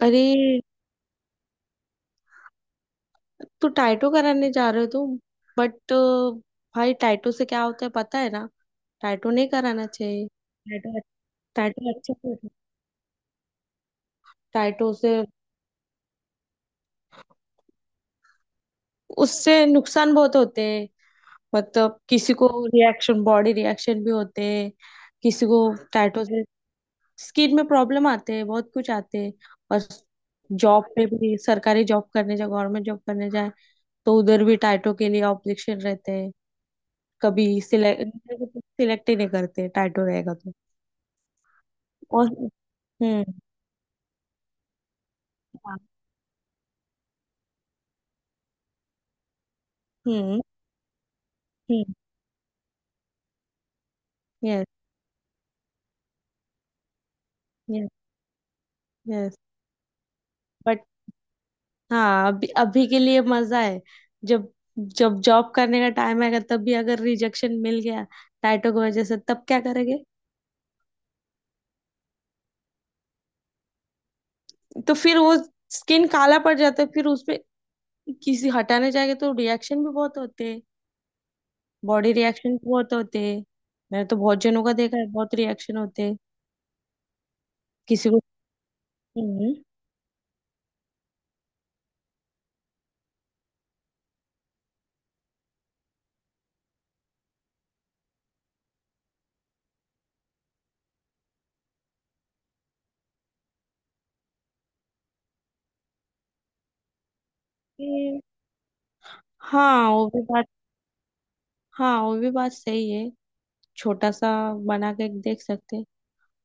अरे, तो टाइटो कराने जा रहे हो तुम? बट भाई, टाइटो से क्या होता है पता है ना? टाइटो नहीं कराना चाहिए। टाइटो टाइटो अच्छा होता है। टाइटो से, उससे नुकसान बहुत होते हैं। मतलब किसी को रिएक्शन, बॉडी रिएक्शन भी होते हैं। किसी को टाइटो से स्किन में प्रॉब्लम आते हैं, बहुत कुछ आते हैं। और जॉब पे भी, सरकारी जॉब करने जाए, गवर्नमेंट जॉब करने जाए तो उधर भी टाइटो के लिए ऑब्जेक्शन रहते हैं। कभी सिलेक्ट सिलेक्ट ही नहीं करते टाइटो रहेगा तो। और हम्म। हाँ। हम्म। हम्म। Yes, yes, yes. बट हाँ, अभी अभी के लिए मजा है। जब जब जॉब करने का टाइम आएगा, तब भी अगर रिजेक्शन मिल गया टाइटो की वजह से, तब क्या करेंगे? तो फिर वो स्किन काला पड़ जाता है, फिर उसपे किसी हटाने जाएंगे तो रिएक्शन भी बहुत होते हैं। बॉडी रिएक्शन भी बहुत होते हैं। मैंने तो बहुत जनों का देखा है, बहुत रिएक्शन होते हैं किसी को। हम्म। हाँ, वो भी बात। हाँ, वो भी बात सही है। छोटा सा बना के देख सकते हैं।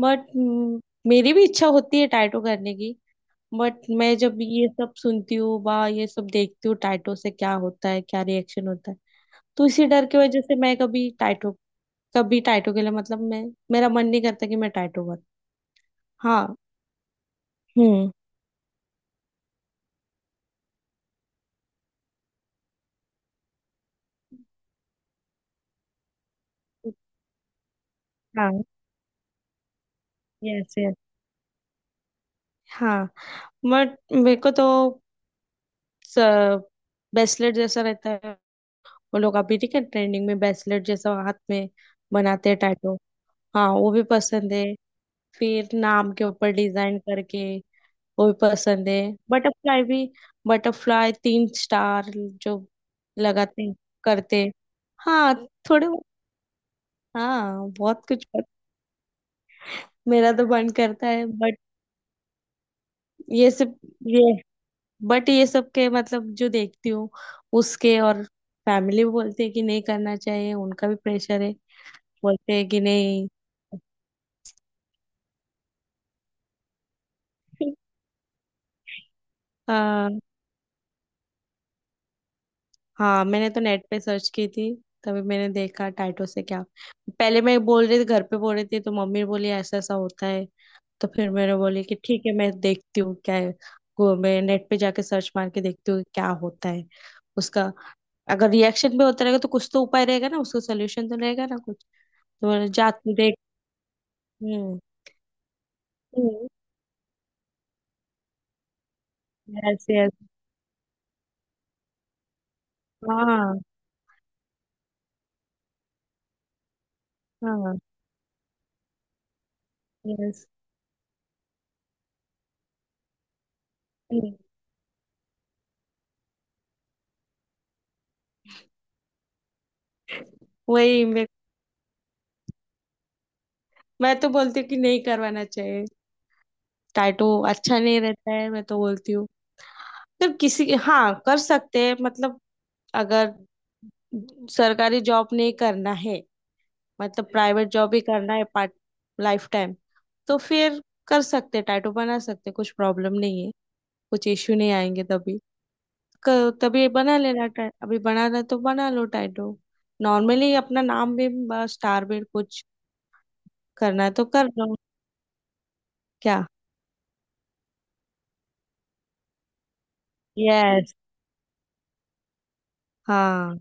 बट मेरी भी इच्छा होती है टाइटो करने की। बट मैं जब ये सब सुनती हूँ, बा ये सब देखती हूँ, टाइटो से क्या होता है, क्या रिएक्शन होता है, तो इसी डर की वजह से मैं कभी टाइटो, कभी टाइटो के लिए मतलब मैं, मेरा मन नहीं करता कि मैं टाइटो कर। हाँ। हम्म। हाँ। Yes, yes. हाँ। बट मेरे को तो बेसलेट जैसा रहता है, वो लोग अभी ठीक है ट्रेंडिंग में, ब्रेसलेट जैसा हाथ में बनाते हैं टैटू। हाँ, वो भी पसंद है। फिर नाम के ऊपर डिजाइन करके, वो भी पसंद है। बटरफ्लाई भी, बटरफ्लाई तीन स्टार जो लगाते हैं, करते हैं। हाँ थोड़े, हाँ बहुत कुछ मेरा तो मन करता है, बट ये सब ये बट ये सब के मतलब जो देखती हूँ उसके, और फैमिली बोलते हैं कि नहीं करना चाहिए, उनका भी प्रेशर है। बोलते हैं कि नहीं। आ, हाँ, मैंने तो नेट पे सर्च की थी, तभी मैंने देखा टाइटो से क्या। पहले मैं बोल रही थी, घर पे बोल रही थी तो मम्मी बोली ऐसा ऐसा होता है। तो फिर मैंने बोली कि ठीक है, मैं देखती हूँ क्या है। गो, मैं नेट पे जाके सर्च मार के देखती हूँ क्या होता है उसका। अगर रिएक्शन भी होता रहेगा तो कुछ तो उपाय रहेगा ना, उसका सोल्यूशन तो रहेगा ना कुछ। तो मैंने जा तू देख। हम्म। Yes, yes. हाँ। हाँ। यस। वही मैं तो बोलती हूँ कि नहीं करवाना चाहिए। टैटू अच्छा नहीं रहता है, मैं तो बोलती हूँ। मतलब किसी, हाँ कर सकते हैं मतलब। अगर सरकारी जॉब नहीं करना है, मतलब प्राइवेट जॉब ही करना है पार्ट, लाइफ टाइम, तो फिर कर सकते हैं, टैटू बना सकते हैं, कुछ प्रॉब्लम नहीं है, कुछ इश्यू नहीं आएंगे तभी। तभी बना लेना। अभी बनाना है तो बना लो टैटू। नॉर्मली अपना नाम भी, स्टार भी, कुछ करना है तो कर लो। क्या? यस। हाँ।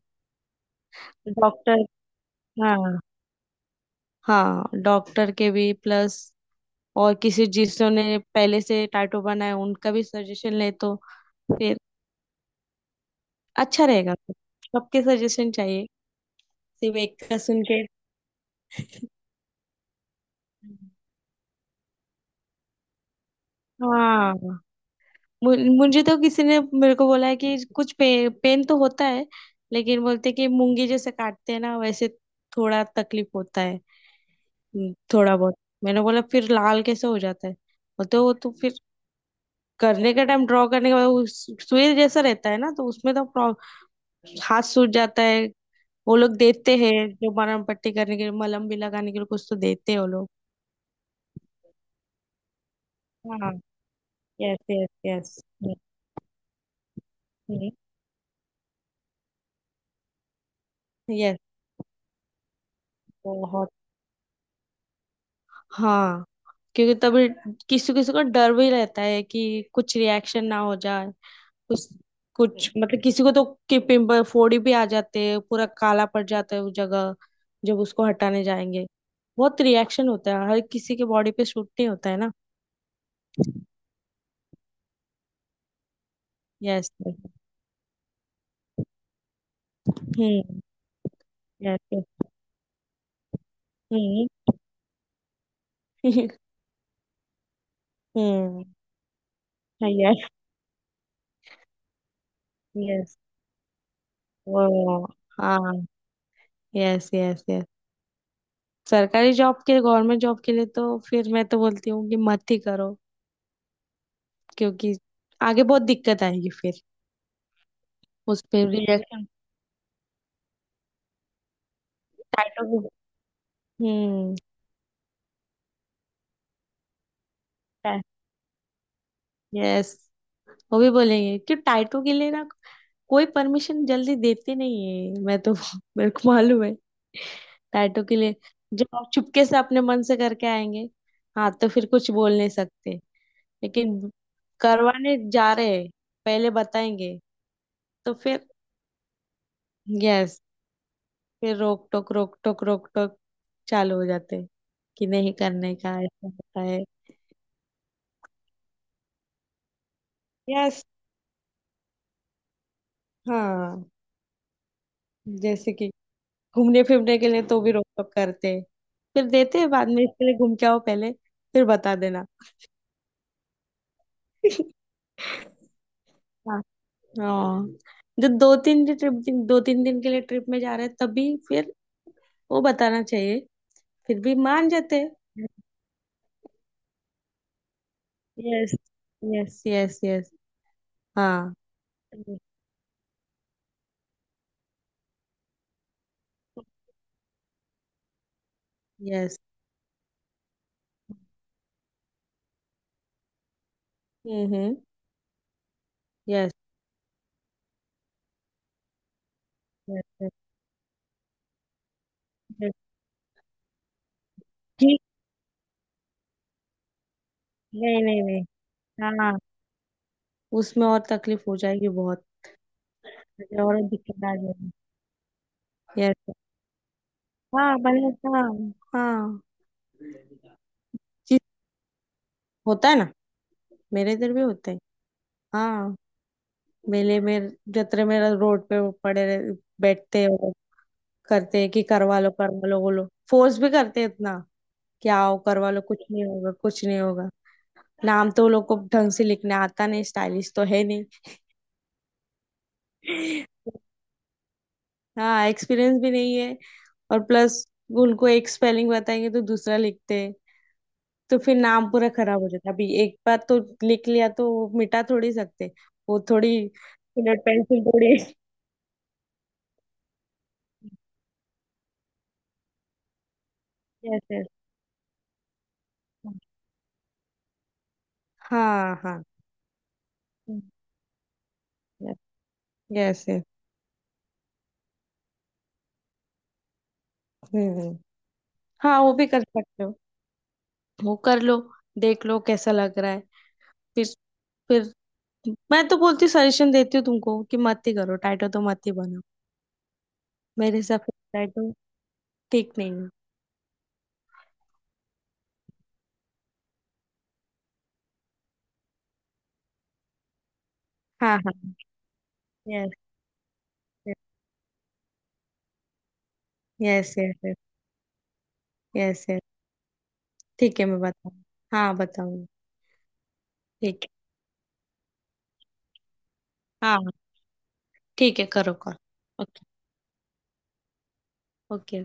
डॉक्टर। हाँ। हाँ, डॉक्टर के भी प्लस और किसी जिन्होंने पहले से टाटू बनाए उनका भी सजेशन ले तो फिर अच्छा रहेगा। सबके सजेशन चाहिए, सिर्फ एक का सुन के। हाँ। मु- मुझे तो किसी ने मेरे को बोला है कि पेन तो होता है, लेकिन बोलते कि मूंगी जैसे काटते हैं ना, वैसे थोड़ा तकलीफ होता है। थोड़ा बहुत। मैंने बोला फिर लाल कैसे हो जाता है, बोलते वो तो फिर करने का टाइम, ड्रॉ करने का बाद वो सुई जैसा रहता है ना, तो उसमें तो हाथ सूज जाता है। वो लोग देते हैं जो मरहम पट्टी करने के लिए, मलहम भी लगाने के लिए कुछ तो देते हैं वो लोग। हाँ। Yes, yes, yes. यस। बहुत। हाँ। क्योंकि तभी किसी किसी को डर भी रहता है कि कुछ रिएक्शन ना हो जाए। कुछ कुछ मतलब किसी को तो कि पिंपल फोड़ी भी आ जाते हैं, पूरा काला पड़ जाता है वो जगह, जब उसको हटाने जाएंगे। बहुत रिएक्शन होता है, हर किसी के बॉडी पे शूट नहीं होता है ना। यस। हम्म। यस। हम्म। हम्म। Yes, yes. वो, हाँ। Yes, yes, yes. सरकारी जॉब के, गवर्नमेंट जॉब के लिए तो फिर मैं तो बोलती हूँ कि मत ही करो, क्योंकि आगे बहुत दिक्कत आएगी फिर। उस पे रिजेक्शन, टाइटो को। हम्म। यस। वो भी बोलेंगे कि टाइटो के लिए ना कोई परमिशन जल्दी देते नहीं है। मैं तो मेरे को मालूम है, टैटू के लिए जब आप चुपके से अपने मन से करके आएंगे, हाँ तो फिर कुछ बोल नहीं सकते। लेकिन करवाने जा रहे हैं, पहले बताएंगे तो फिर। यस। फिर रोक टोक चालू हो जाते हैं कि नहीं करने का, ऐसा होता है। यस। हाँ। जैसे कि घूमने फिरने के लिए तो भी रोक टोक करते हैं, फिर देते हैं बाद में, इसके लिए घूम के आओ पहले, फिर बता देना। हाँ। हाँ। जो दो तीन दिन ट्रिप दिन दो तीन दिन के लिए ट्रिप में जा रहे हैं, तभी फिर वो बताना चाहिए, फिर भी मान जाते हैं। Yes, yes, yes. यस। हाँ। Yes. Hmm. Yes, yes, yes. ठीक। नहीं, नहीं, नहीं। हाँ। उसमें और तकलीफ हो जाएगी बहुत, और दिक्कत आ जाएगी। यस। हाँ भले। हाँ। हाँ। होता है ना, मेरे इधर भी होता है। हाँ, मेले में, जत्रे में रोड पे वो बैठते हैं और करते हैं कि करवा लो, करवा लो। वो लोग फोर्स भी करते हैं इतना कि आओ, करवा लो, कुछ नहीं होगा, कुछ नहीं होगा। नाम तो वो लोग को ढंग से लिखना आता नहीं, स्टाइलिश तो है नहीं। हाँ, एक्सपीरियंस भी नहीं है। और प्लस, उनको एक स्पेलिंग बताएंगे तो दूसरा लिखते हैं, तो फिर नाम पूरा खराब हो जाता है। अभी एक बार तो लिख लिया तो वो मिटा थोड़ी सकते, वो थोड़ी पेंसिल थोड़ी। यस। हाँ, हाँ। Yes, yes. हम्म। हाँ, वो भी कर सकते हो। वो कर लो, देख लो कैसा लग रहा है। फिर फिर मैं तो बोलती, सजेशन देती हूँ तुमको कि मत ही करो, टाइटो तो मत ही बनाओ। मेरे हिसाब से टाइटो ठीक नहीं है। हाँ, हाँ। Yes, yes, yes. Yes, yes, yes. ठीक है, मैं बताऊँ। हाँ, बताऊंगी। ठीक है। हाँ, हाँ, ठीक है, करो करो, ओके। ओके।